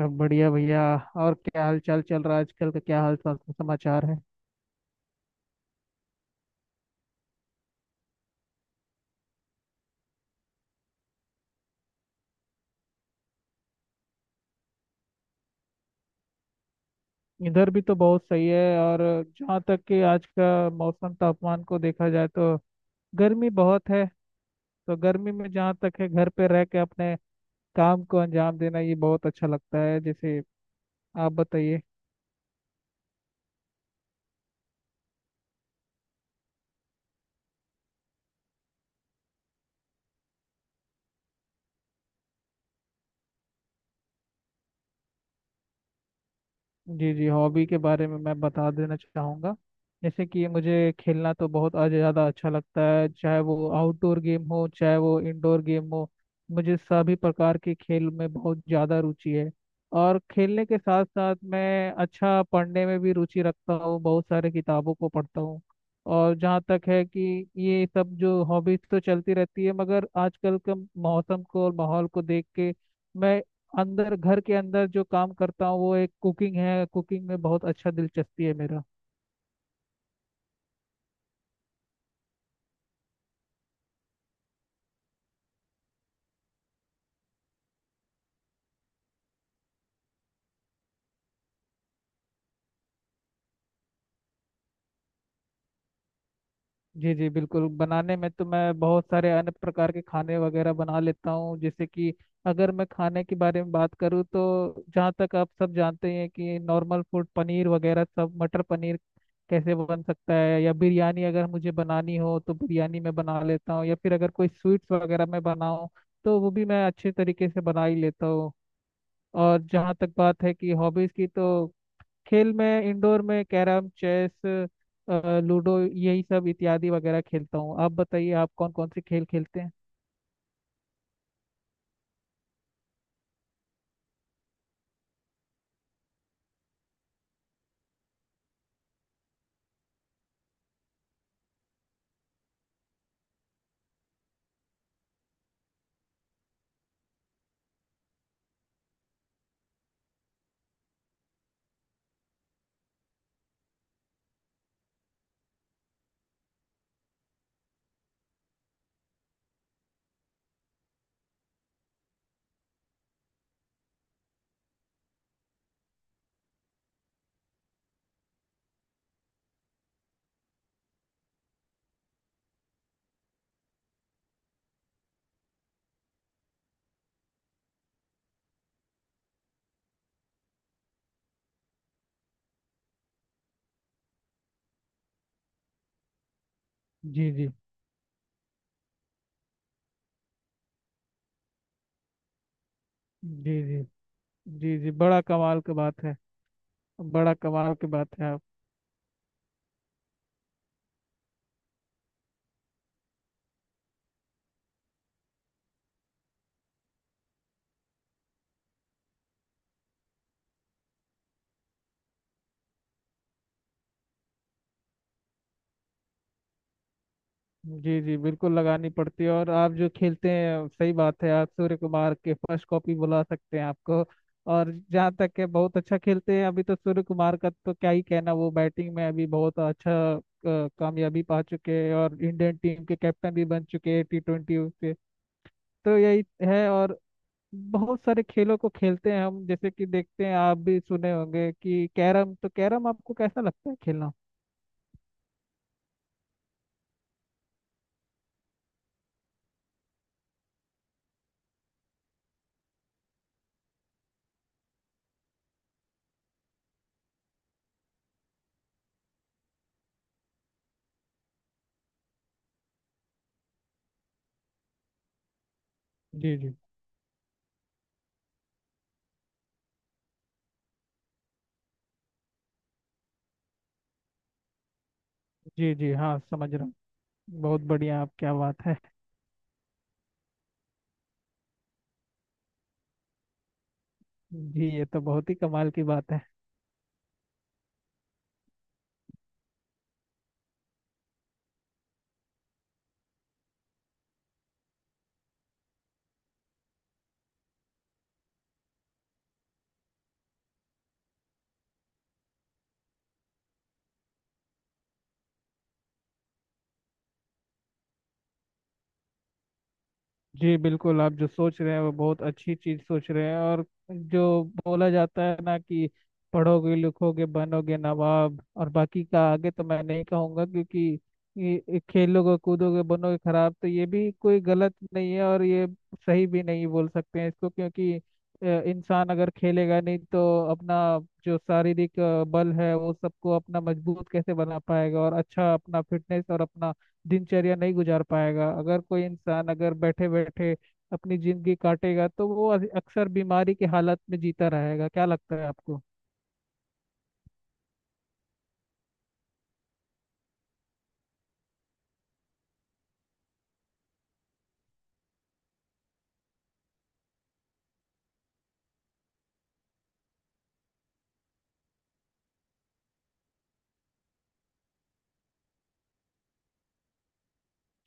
सब बढ़िया भैया। और क्या हाल चाल चल रहा है आजकल का, क्या हाल चाल समाचार है। इधर भी तो बहुत सही है। और जहाँ तक कि आज का मौसम तापमान को देखा जाए तो गर्मी बहुत है। तो गर्मी में जहाँ तक है, घर पे रह के अपने काम को अंजाम देना ये बहुत अच्छा लगता है। जैसे आप बताइए। जी जी, हॉबी के बारे में मैं बता देना चाहूँगा। जैसे कि मुझे खेलना तो बहुत आज ज़्यादा अच्छा लगता है, चाहे वो आउटडोर गेम हो चाहे वो इंडोर गेम हो। मुझे सभी प्रकार के खेल में बहुत ज़्यादा रुचि है। और खेलने के साथ साथ मैं अच्छा पढ़ने में भी रुचि रखता हूँ, बहुत सारे किताबों को पढ़ता हूँ। और जहाँ तक है कि ये सब जो हॉबीज तो चलती रहती है, मगर आजकल के मौसम को और माहौल को देख के मैं अंदर, घर के अंदर जो काम करता हूँ वो एक कुकिंग है। कुकिंग में बहुत अच्छा दिलचस्पी है मेरा। जी जी बिल्कुल, बनाने में तो मैं बहुत सारे अन्य प्रकार के खाने वगैरह बना लेता हूँ। जैसे कि अगर मैं खाने के बारे में बात करूँ, तो जहाँ तक आप सब जानते हैं कि नॉर्मल फूड पनीर वगैरह सब, मटर पनीर कैसे बन सकता है, या बिरयानी अगर मुझे बनानी हो तो बिरयानी मैं बना लेता हूँ, या फिर अगर कोई स्वीट्स वगैरह मैं बनाऊँ तो वो भी मैं अच्छे तरीके से बना ही लेता हूँ। और जहाँ तक बात है कि हॉबीज़ की, तो खेल में, इंडोर में कैरम, चेस, लूडो यही सब इत्यादि वगैरह खेलता हूँ। आप बताइए, आप कौन कौन से खेल खेलते हैं। जी जी जी। जी। जी जी। बड़ा कमाल की बात है। बड़ा कमाल की बात है आप। जी जी बिल्कुल, लगानी पड़ती है। और आप जो खेलते हैं, सही बात है, आप सूर्य कुमार के फर्स्ट कॉपी बुला सकते हैं आपको। और जहाँ तक है, बहुत अच्छा खेलते हैं अभी तो। सूर्य कुमार का तो क्या ही कहना, वो बैटिंग में अभी बहुत अच्छा कामयाबी पा चुके हैं और इंडियन टीम के कैप्टन भी बन चुके हैं T20 से। तो यही है। और बहुत सारे खेलों को खेलते हैं हम। जैसे कि देखते हैं, आप भी सुने होंगे कि कैरम, तो कैरम आपको कैसा लगता है खेलना। जी जी। जी जी हाँ, समझ रहा हूँ। बहुत बढ़िया आप, क्या बात है। जी, ये तो बहुत ही कमाल की बात है। जी बिल्कुल, आप जो सोच रहे हैं वो बहुत अच्छी चीज सोच रहे हैं। और जो बोला जाता है ना कि पढ़ोगे लिखोगे बनोगे नवाब, और बाकी का आगे तो मैं नहीं कहूँगा। क्योंकि ये खेलोगे कूदोगे बनोगे खराब, तो ये भी कोई गलत नहीं है। और ये सही भी नहीं बोल सकते हैं इसको। क्योंकि इंसान अगर खेलेगा नहीं तो अपना जो शारीरिक बल है वो सबको अपना मजबूत कैसे बना पाएगा, और अच्छा अपना फिटनेस और अपना दिनचर्या नहीं गुजार पाएगा। अगर कोई इंसान अगर बैठे बैठे अपनी जिंदगी काटेगा, तो वो अक्सर बीमारी की हालत में जीता रहेगा। क्या लगता है आपको।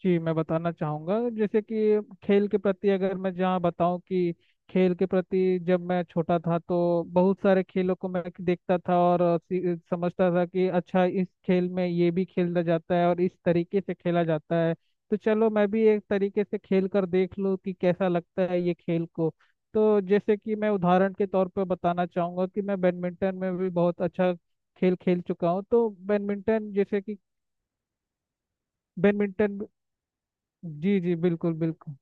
जी, मैं बताना चाहूँगा। जैसे कि खेल के प्रति, अगर मैं जहाँ बताऊँ कि खेल के प्रति जब मैं छोटा था तो बहुत सारे खेलों को मैं देखता था और समझता था कि अच्छा, इस खेल में ये भी खेला जाता है और इस तरीके से खेला जाता है। तो चलो, मैं भी एक तरीके से खेल कर देख लूँ कि कैसा लगता है ये खेल को। तो जैसे कि मैं उदाहरण के तौर पर बताना चाहूँगा कि मैं बैडमिंटन में भी बहुत अच्छा खेल खेल चुका हूँ। तो बैडमिंटन जैसे कि, बैडमिंटन। जी जी बिल्कुल बिल्कुल।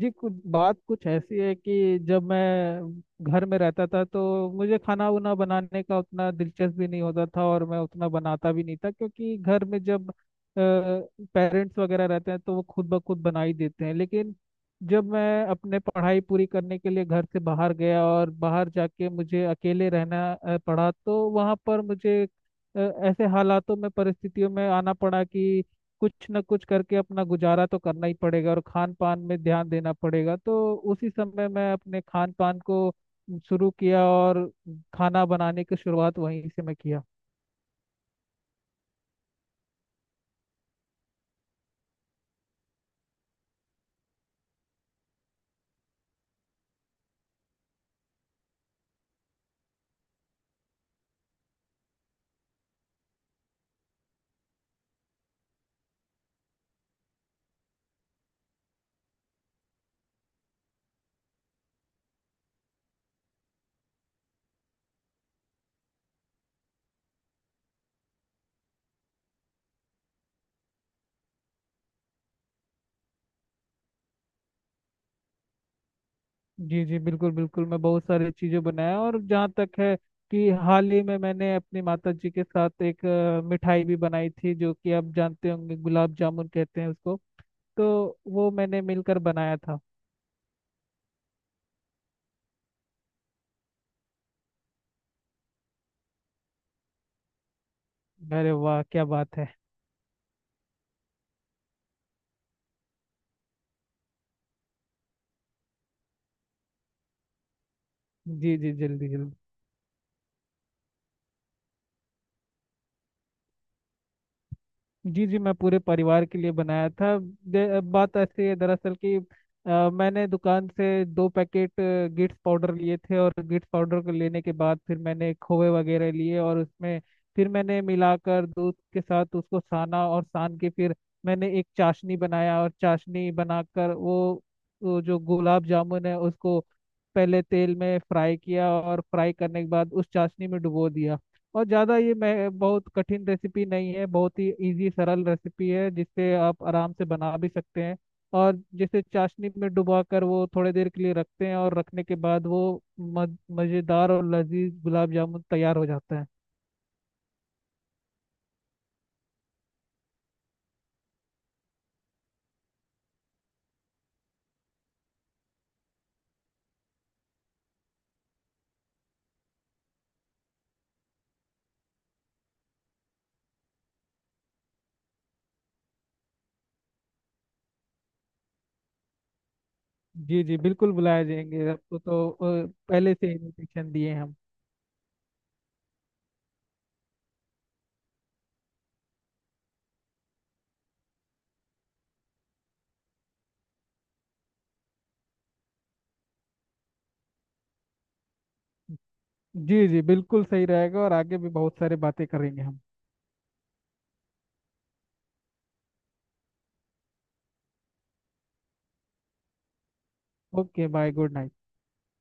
जी, कुछ बात कुछ ऐसी है कि जब मैं घर में रहता था तो मुझे खाना उना बनाने का उतना दिलचस्प भी नहीं होता था, और मैं उतना बनाता भी नहीं था। क्योंकि घर में जब पेरेंट्स वगैरह रहते हैं तो वो खुद ब खुद बना ही देते हैं। लेकिन जब मैं अपने पढ़ाई पूरी करने के लिए घर से बाहर गया, और बाहर जाके मुझे अकेले रहना पड़ा, तो वहाँ पर मुझे ऐसे हालातों में, परिस्थितियों में आना पड़ा कि कुछ ना कुछ करके अपना गुजारा तो करना ही पड़ेगा, और खान पान में ध्यान देना पड़ेगा। तो उसी समय मैं अपने खान पान को शुरू किया, और खाना बनाने की शुरुआत वहीं से मैं किया। जी जी बिल्कुल बिल्कुल, मैं बहुत सारी चीज़ें बनाया। और जहाँ तक है कि हाल ही में मैंने अपनी माता जी के साथ एक मिठाई भी बनाई थी, जो कि आप जानते होंगे, गुलाब जामुन कहते हैं उसको। तो वो मैंने मिलकर बनाया था। अरे वाह क्या बात है। जी जी, जल्दी जल्दी। जी जी, मैं पूरे परिवार के लिए बनाया था। बात ऐसी है दरअसल कि मैंने दुकान से 2 पैकेट गिट्स पाउडर लिए थे, और गिट्स पाउडर को लेने के बाद फिर मैंने खोए वगैरह लिए, और उसमें फिर मैंने मिलाकर दूध के साथ उसको साना। और सान के फिर मैंने एक चाशनी बनाया, और चाशनी बनाकर वो जो गुलाब जामुन है उसको पहले तेल में फ्राई किया। और फ्राई करने के बाद उस चाशनी में डुबो दिया। और ज़्यादा ये, मैं बहुत कठिन रेसिपी नहीं है, बहुत ही इजी सरल रेसिपी है, जिससे आप आराम से बना भी सकते हैं। और जैसे चाशनी में डुबा कर वो थोड़ी देर के लिए रखते हैं, और रखने के बाद वो मज़ेदार और लजीज गुलाब जामुन तैयार हो जाता है। जी जी बिल्कुल, बुलाए जाएंगे आपको तो। पहले से इन्विटेशन दिए हैं हम। जी जी बिल्कुल सही रहेगा, और आगे भी बहुत सारी बातें करेंगे हम। Okay bye, good night.